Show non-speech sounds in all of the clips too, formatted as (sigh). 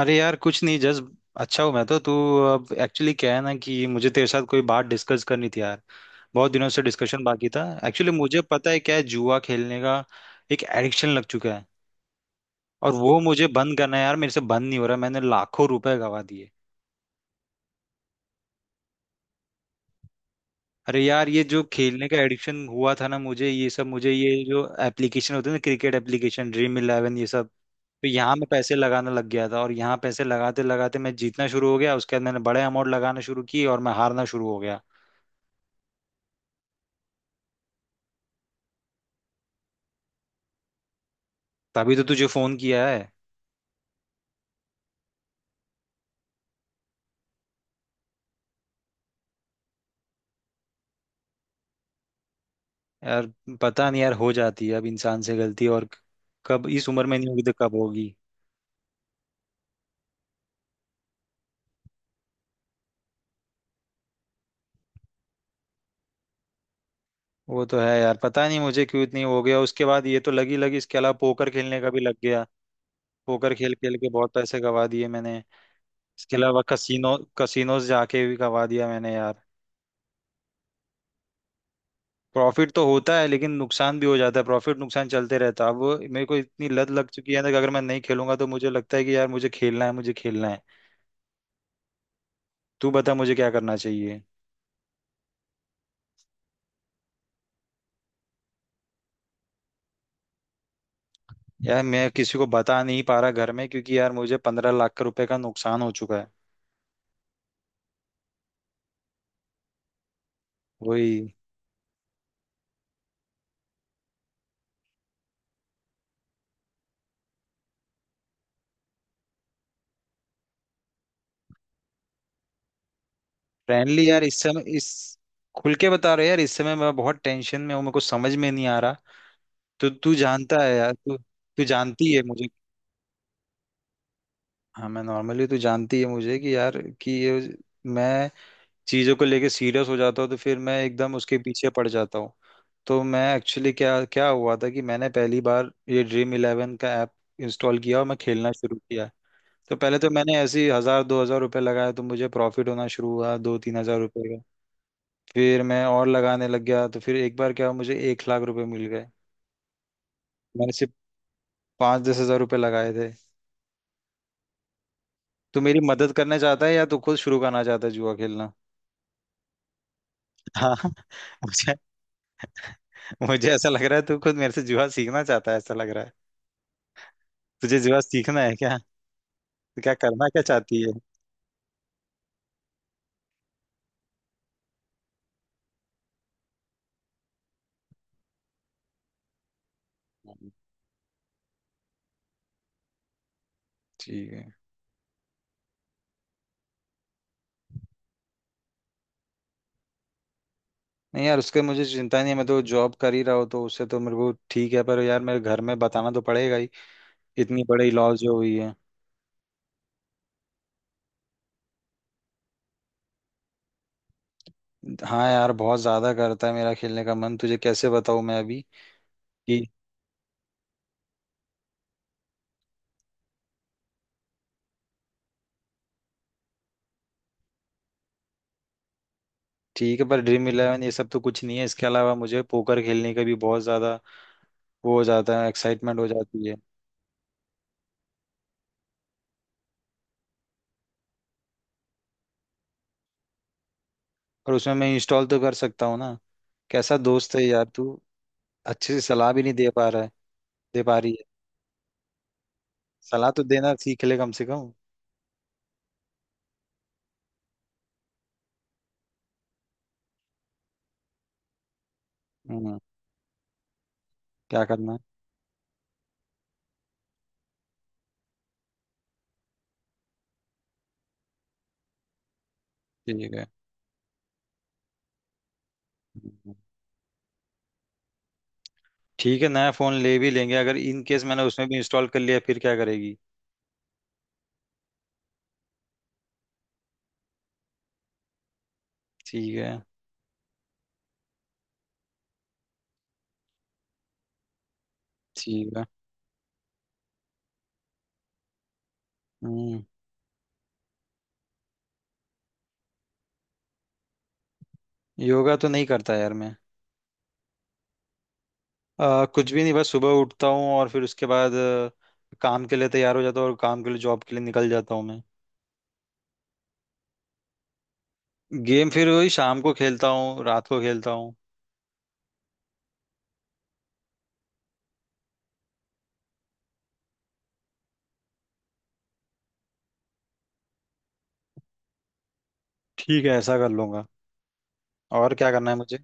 अरे यार कुछ नहीं, जस्ट अच्छा हूँ मैं तो। तू? अब एक्चुअली क्या है ना, कि मुझे तेरे साथ कोई बात डिस्कस करनी थी यार। बहुत दिनों से डिस्कशन बाकी था। एक्चुअली मुझे पता है क्या है, जुआ खेलने का एक एडिक्शन लग चुका है और वो मुझे बंद करना है यार। मेरे से बंद नहीं हो रहा, मैंने लाखों रुपए गवा दिए। अरे यार, ये जो खेलने का एडिक्शन हुआ था ना मुझे, ये सब मुझे ये जो एप्लीकेशन होते हैं ना, क्रिकेट एप्लीकेशन, ड्रीम इलेवन, ये सब। तो यहाँ मैं पैसे लगाने लग गया था और यहाँ पैसे लगाते लगाते मैं जीतना शुरू हो गया। उसके बाद मैंने बड़े अमाउंट लगाना शुरू की और मैं हारना शुरू हो गया। तभी तो तुझे फोन किया है। यार पता नहीं यार, हो जाती है अब इंसान से गलती, और कब इस उम्र में नहीं होगी तो कब होगी। वो तो है यार, पता नहीं मुझे क्यों इतनी हो गया। उसके बाद ये तो लगी लगी। इसके अलावा पोकर खेलने का भी लग गया। पोकर खेल खेल के बहुत पैसे गवा दिए मैंने। इसके अलावा कसिनोज जाके भी गवा दिया मैंने यार। प्रॉफिट तो होता है लेकिन नुकसान भी हो जाता है, प्रॉफिट नुकसान चलते रहता है। अब वो मेरे को इतनी लत लग चुकी है ना, कि अगर मैं नहीं खेलूंगा तो मुझे लगता है कि यार मुझे खेलना है मुझे खेलना है। तू बता मुझे क्या करना चाहिए। यार मैं किसी को बता नहीं पा रहा घर में, क्योंकि यार मुझे 15 लाख का रुपए का नुकसान हो चुका है। वही। फ्रेंडली यार, इस समय इस खुल के बता रहे यार, इस समय मैं बहुत टेंशन में हूँ, मेरे को समझ में नहीं आ रहा। तो तू जानता है यार, तू तू जानती है मुझे। हाँ, मैं नॉर्मली, तू जानती है मुझे कि यार, कि ये मैं चीज़ों को लेके सीरियस हो जाता हूँ तो फिर मैं एकदम उसके पीछे पड़ जाता हूँ। तो मैं एक्चुअली क्या क्या हुआ था, कि मैंने पहली बार ये ड्रीम इलेवन का ऐप इंस्टॉल किया और मैं खेलना शुरू किया। तो पहले तो मैंने ऐसे ही हजार दो हजार रुपये लगाया, तो मुझे प्रॉफिट होना शुरू हुआ, 2-3 हजार रुपये का। फिर मैं और लगाने लग गया, तो फिर एक बार क्या हुआ, मुझे 1 लाख रुपए मिल गए। मैंने सिर्फ 5-10 हजार रुपये लगाए थे। तो मेरी मदद करना चाहता है या तो खुद शुरू करना चाहता है जुआ खेलना। हाँ (laughs) मुझे मुझे ऐसा लग रहा है तू खुद मेरे से जुआ सीखना चाहता है, ऐसा लग रहा है। तुझे जुआ सीखना है क्या? तो क्या करना क्या चाहती है? हम्म। ठीक है। नहीं यार, उसके मुझे चिंता नहीं है, मैं तो जॉब कर ही रहा हूँ तो उससे तो मेरे को ठीक है, पर यार मेरे घर में बताना तो पड़ेगा ही, इतनी बड़ी लॉस जो हुई है। हाँ यार बहुत ज्यादा करता है मेरा खेलने का मन, तुझे कैसे बताऊं मैं अभी कि। ठीक है, पर ड्रीम इलेवन ये सब तो कुछ नहीं है, इसके अलावा मुझे पोकर खेलने का भी बहुत ज्यादा वो हो जाता है, एक्साइटमेंट हो जाती है। और उसमें मैं इंस्टॉल तो कर सकता हूँ ना? कैसा दोस्त है यार तू, अच्छे से सलाह भी नहीं दे पा रहा है। दे पा रही है, सलाह तो देना सीख ले कम से कम। हम्म। क्या करना है? ठीक है। हम्म, ठीक है, नया फोन ले भी लेंगे, अगर इन केस मैंने उसमें भी इंस्टॉल कर लिया फिर क्या करेगी? ठीक है। ठीक है। हम्म। योगा तो नहीं करता यार मैं। कुछ भी नहीं, बस सुबह उठता हूँ और फिर उसके बाद काम के लिए तैयार हो जाता हूँ, और काम के लिए, जॉब के लिए निकल जाता हूँ मैं। गेम फिर वही शाम को खेलता हूँ, रात को खेलता हूँ। ठीक है, ऐसा कर लूंगा। और क्या करना है मुझे?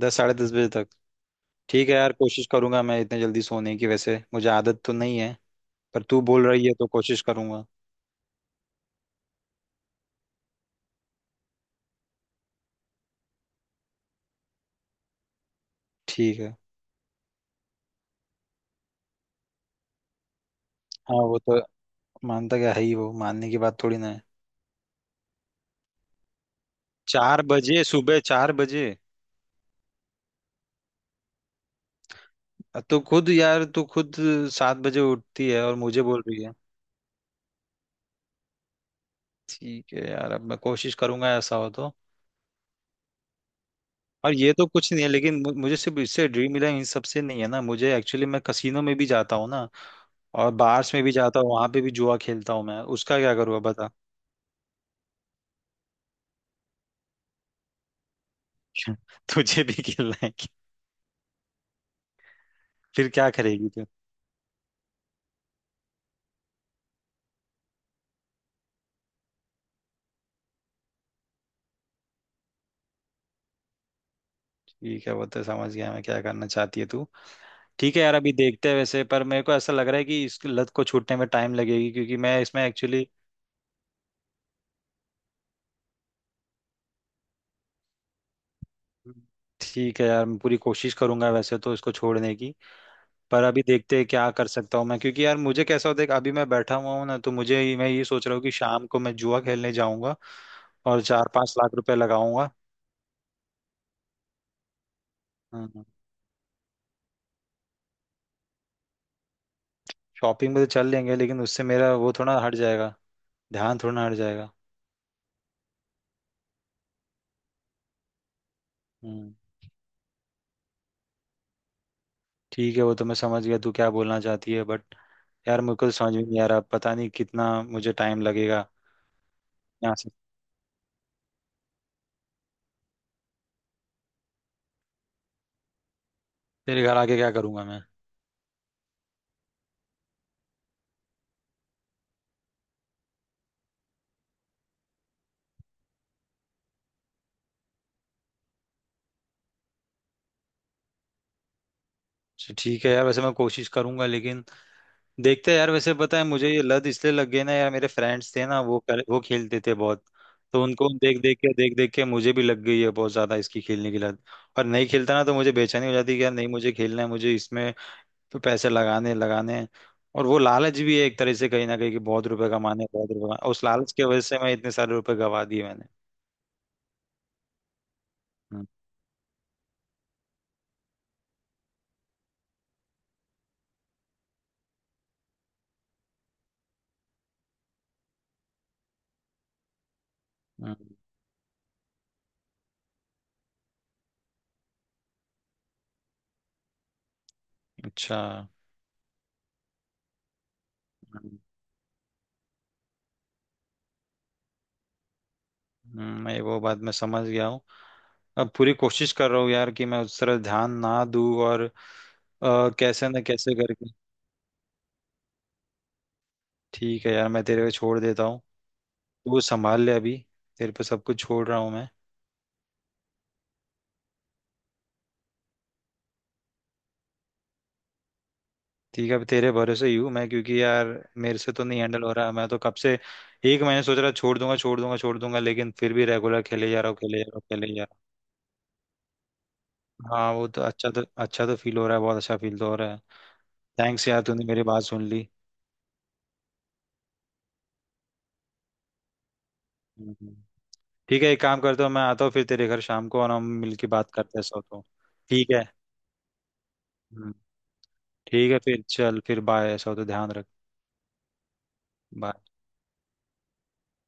10 साढ़े 10 बजे तक। ठीक है यार, कोशिश करूंगा मैं इतने जल्दी सोने की, वैसे मुझे आदत तो नहीं है, पर तू बोल रही है तो कोशिश करूंगा। ठीक है। हाँ वो तो। मानता क्या है ही, वो मानने की बात थोड़ी ना है। चार बजे? सुबह चार बजे? तो खुद यार, तू खुद 7 बजे उठती है और मुझे बोल रही है। ठीक है यार, अब मैं कोशिश करूंगा ऐसा हो तो। और ये तो कुछ नहीं है लेकिन, मुझे सिर्फ इससे ड्रीम मिला है, इन सबसे नहीं है ना, मुझे एक्चुअली, मैं कसिनो में भी जाता हूँ ना, और बार्स में भी जाता हूँ, वहां पे भी जुआ खेलता हूँ मैं, उसका क्या करूँगा बता। (laughs) तुझे भी खेलना है फिर क्या करेगी तू? ठीक है, वो तो समझ गया मैं, क्या करना चाहती है तू। ठीक है यार अभी देखते हैं, वैसे पर मेरे को ऐसा लग रहा है कि इस लत को छूटने में टाइम लगेगी, क्योंकि मैं इसमें एक्चुअली। ठीक है यार मैं पूरी कोशिश करूंगा वैसे तो इसको छोड़ने की, पर अभी देखते हैं क्या कर सकता हूँ मैं, क्योंकि यार मुझे कैसा होता है कि अभी मैं बैठा हुआ हूँ ना, तो मुझे मैं ये सोच रहा हूँ कि शाम को मैं जुआ खेलने जाऊंगा और 4-5 लाख रुपए लगाऊंगा। हम्म। शॉपिंग में तो चल लेंगे, लेकिन उससे मेरा वो थोड़ा हट जाएगा, ध्यान थोड़ा हट जाएगा। हम्म। ठीक है वो तो मैं समझ गया तू क्या बोलना चाहती है, बट यार मुझे को तो समझ में नहीं आ रहा, पता नहीं कितना मुझे टाइम लगेगा यहाँ से। तेरे घर आके क्या करूंगा मैं? अच्छा, ठीक है यार, वैसे मैं कोशिश करूंगा लेकिन देखते हैं यार। वैसे पता है मुझे ये लत इसलिए लग गई ना यार, मेरे फ्रेंड्स थे ना, वो खेलते थे बहुत। तो उनको देख देख के मुझे भी लग गई है बहुत ज्यादा इसकी खेलने की लत, और नहीं खेलता ना तो मुझे बेचैनी हो जाती कि यार नहीं मुझे खेलना है, मुझे इसमें तो पैसे लगाने लगाने हैं। और वो लालच भी है एक तरह से कहीं ना कहीं, कि बहुत रुपए कमाने हैं, बहुत रुपए कमाने हैं। उस लालच की वजह से मैं इतने सारे रुपए गवा दिए मैंने। हम्म, हम्म, अच्छा। हम्म। मैं वो बात मैं समझ गया हूँ। अब पूरी कोशिश कर रहा हूँ यार कि मैं उस तरह ध्यान ना दूँ और कैसे ना कैसे करके। ठीक है यार, मैं तेरे पे छोड़ देता हूँ, तू संभाल ले अभी, तेरे पे सब कुछ छोड़ रहा हूँ मैं। ठीक है अब तेरे भरोसे ही हूँ मैं, क्योंकि यार मेरे से तो नहीं हैंडल हो रहा, मैं तो कब से एक महीने सोच रहा छोड़ दूंगा छोड़ दूंगा छोड़ दूंगा, लेकिन फिर भी रेगुलर खेले जा रहा हूँ खेले जा रहा हूँ खेले जा रहा हूँ। हाँ वो तो अच्छा तो फील हो रहा है, बहुत अच्छा फील तो हो रहा है। थैंक्स यार, तूने मेरी बात सुन ली। हम्म। ठीक है, एक काम करते हो, मैं आता हूँ फिर तेरे घर शाम को और हम मिलके बात करते हैं, सो तो। ठीक है। हम्म, ठीक है फिर, चल फिर बाय, सो तो ध्यान रख। bye।